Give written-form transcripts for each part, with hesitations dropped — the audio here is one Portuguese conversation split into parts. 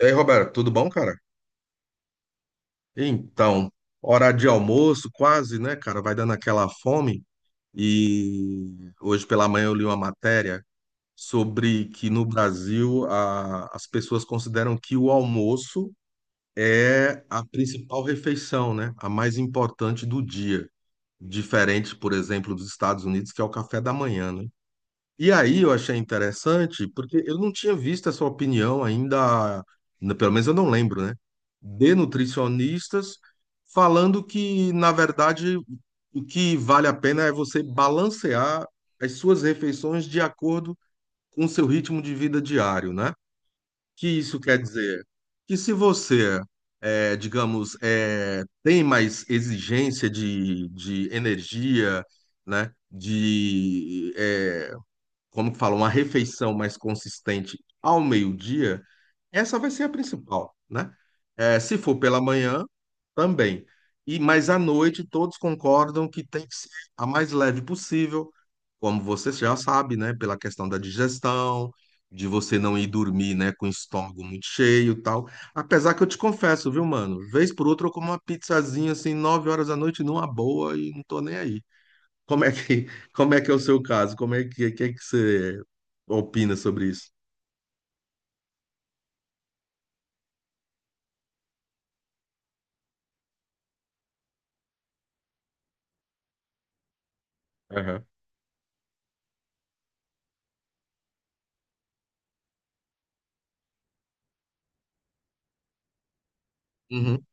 E aí, Roberto, tudo bom, cara? Então, hora de almoço, quase, né, cara? Vai dando aquela fome. E hoje pela manhã eu li uma matéria sobre que no Brasil as pessoas consideram que o almoço é a principal refeição, né? A mais importante do dia. Diferente, por exemplo, dos Estados Unidos, que é o café da manhã, né? E aí eu achei interessante, porque eu não tinha visto essa opinião ainda, pelo menos eu não lembro, né? De nutricionistas falando que, na verdade, o que vale a pena é você balancear as suas refeições de acordo com o seu ritmo de vida diário, né? Que isso quer dizer que se você, digamos, tem mais exigência de energia, né? Como que fala, uma refeição mais consistente ao meio-dia, essa vai ser a principal, né? Se for pela manhã, também. E mas à noite todos concordam que tem que ser a mais leve possível, como você já sabe, né? Pela questão da digestão, de você não ir dormir, né? Com o estômago muito cheio, e tal. Apesar que eu te confesso, viu, mano? Vez por outra eu como uma pizzazinha assim 9 horas da noite numa boa e não tô nem aí. Como é que, Como é que é o seu caso? Que é que você opina sobre isso? Aham. Uhum.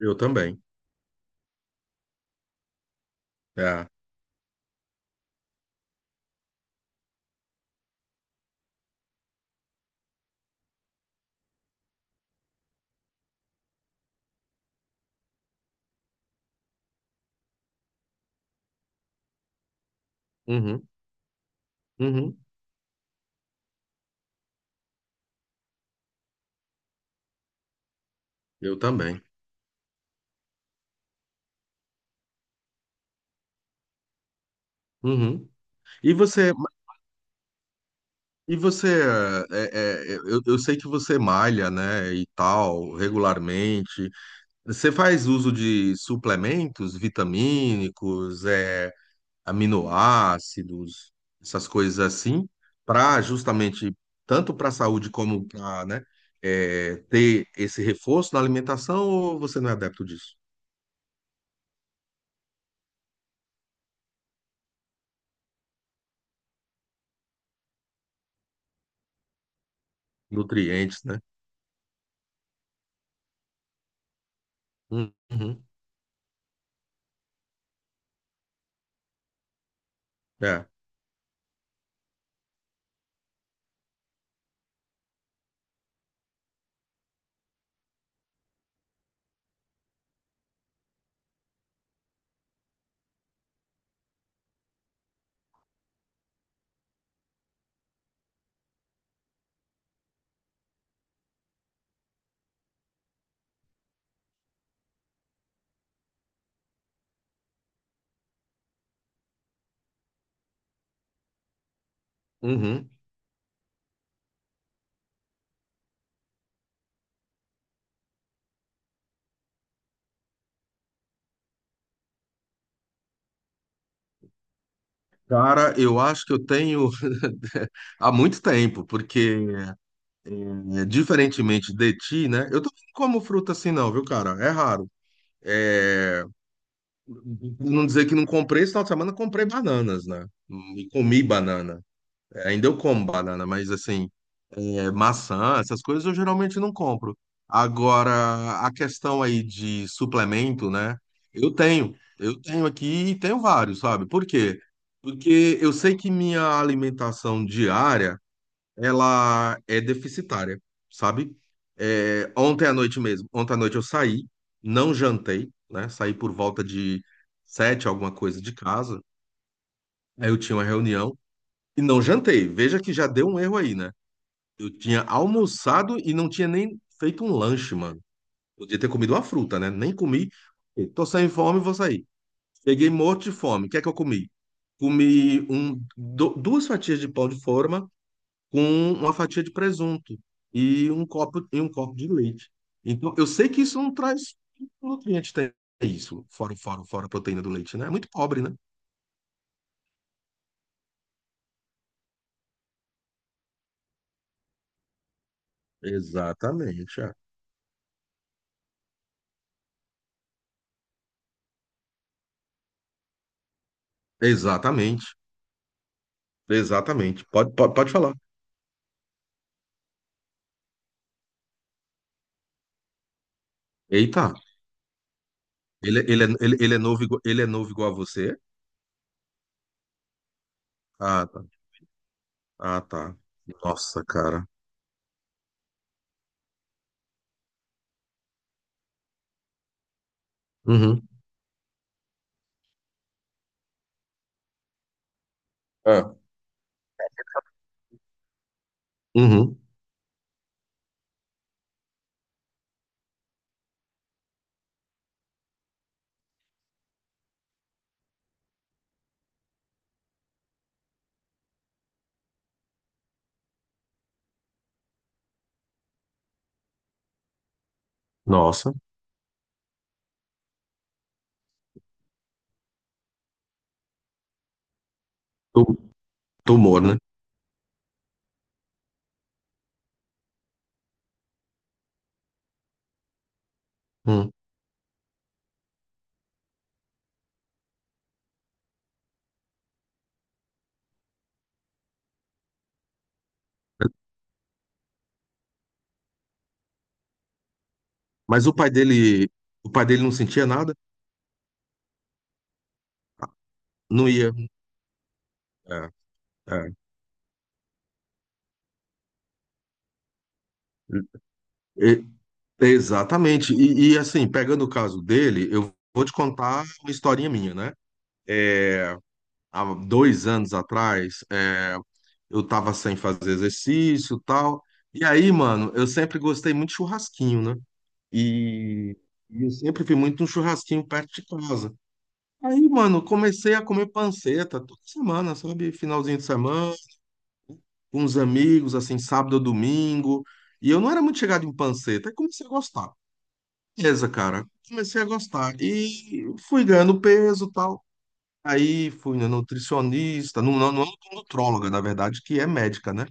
Eu também. É. Uhum. Uhum. Eu também. Uhum. E você, e você, eu sei que você malha, né, e tal, regularmente. Você faz uso de suplementos vitamínicos, aminoácidos, essas coisas assim, para justamente, tanto para a saúde como para, né, ter esse reforço na alimentação, ou você não é adepto disso? Nutrientes, né? Uhum. É. Uhum. Cara, eu acho que eu tenho há muito tempo, porque diferentemente de ti, né? Eu também não como fruta assim não, viu, cara? É raro. É, não dizer que não comprei, esse final de semana eu comprei bananas, né? E comi banana. Ainda eu como banana, mas assim, maçã, essas coisas eu geralmente não compro. Agora, a questão aí de suplemento, né? Eu tenho. Eu tenho aqui e tenho vários, sabe? Por quê? Porque eu sei que minha alimentação diária, ela é deficitária, sabe? Ontem à noite mesmo, ontem à noite eu saí, não jantei, né? Saí por volta de 7, alguma coisa de casa. Aí eu tinha uma reunião e não jantei. Veja que já deu um erro aí, né? Eu tinha almoçado e não tinha nem feito um lanche, mano. Podia ter comido uma fruta, né? Nem comi. Tô sem fome, vou sair. Cheguei morto de fome. O que é que eu comi? Comi duas fatias de pão de forma com uma fatia de presunto e um copo de leite. Então, eu sei que isso não traz nutriente, tem isso. Fora a proteína do leite, né? É muito pobre, né? Exatamente. É. Exatamente. Pode falar. Eita. Ele é novo, ele é novo igual a você? Ah, tá. Ah, tá. Nossa, cara. Uhum. É. Uhum. Nossa. Tu- Tumor, né? Hum. Mas o pai dele não sentia nada? Não ia. É, é. E- Exatamente. E, assim, pegando o caso dele, eu vou te contar uma historinha minha, né? É, Há 2 anos atrás. Eu tava sem fazer exercício, tal. E aí, mano, eu sempre gostei muito de churrasquinho, né? E, e eu sempre fui muito um churrasquinho perto de casa. Aí, mano, comecei a comer panceta toda semana, sabe? Finalzinho de semana, com os amigos, assim, sábado ou domingo. E eu não era muito chegado em panceta, aí comecei a gostar. Beleza, cara. Comecei a gostar. E fui ganhando peso e tal. Aí fui na nutricionista, numa nutróloga, na verdade, que é médica, né?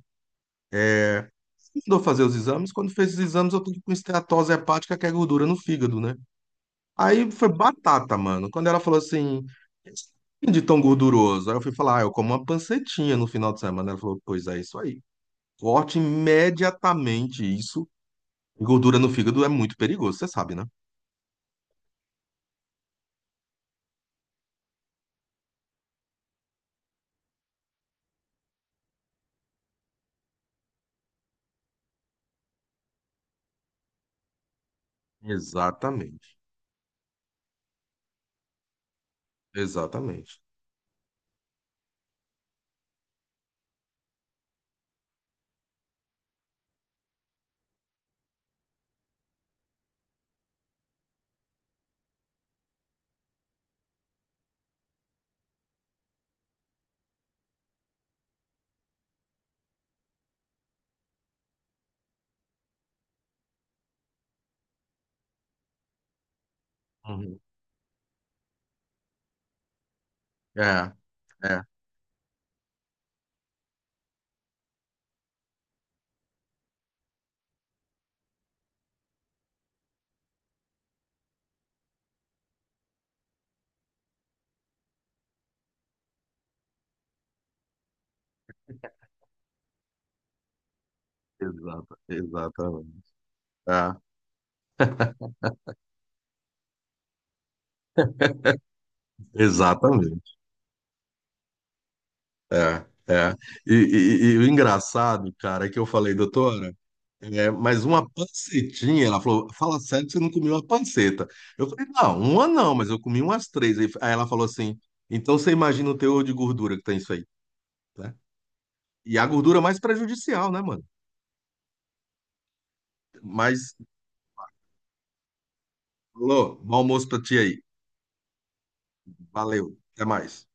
Mandou fazer os exames. Quando fez os exames, eu tô com esteatose hepática, que é gordura no fígado, né? Aí foi batata, mano. Quando ela falou assim, de tão gorduroso. Aí eu fui falar, ah, eu como uma pancetinha no final de semana. Ela falou, pois é, isso aí. Corte imediatamente isso. Gordura no fígado é muito perigoso, você sabe, né? Exatamente. Exatamente. Uhum. É, é, Exatamente. É, exatamente. É, é. E o engraçado, cara, é que eu falei, doutora, mas uma pancetinha, ela falou, fala sério que você não comeu uma panceta. Eu falei, não, uma não, mas eu comi umas três. Aí ela falou assim, então você imagina o teor de gordura que tem isso aí, né? E a gordura mais prejudicial, né, mano? Mas, falou, bom almoço pra ti aí. Valeu, até mais.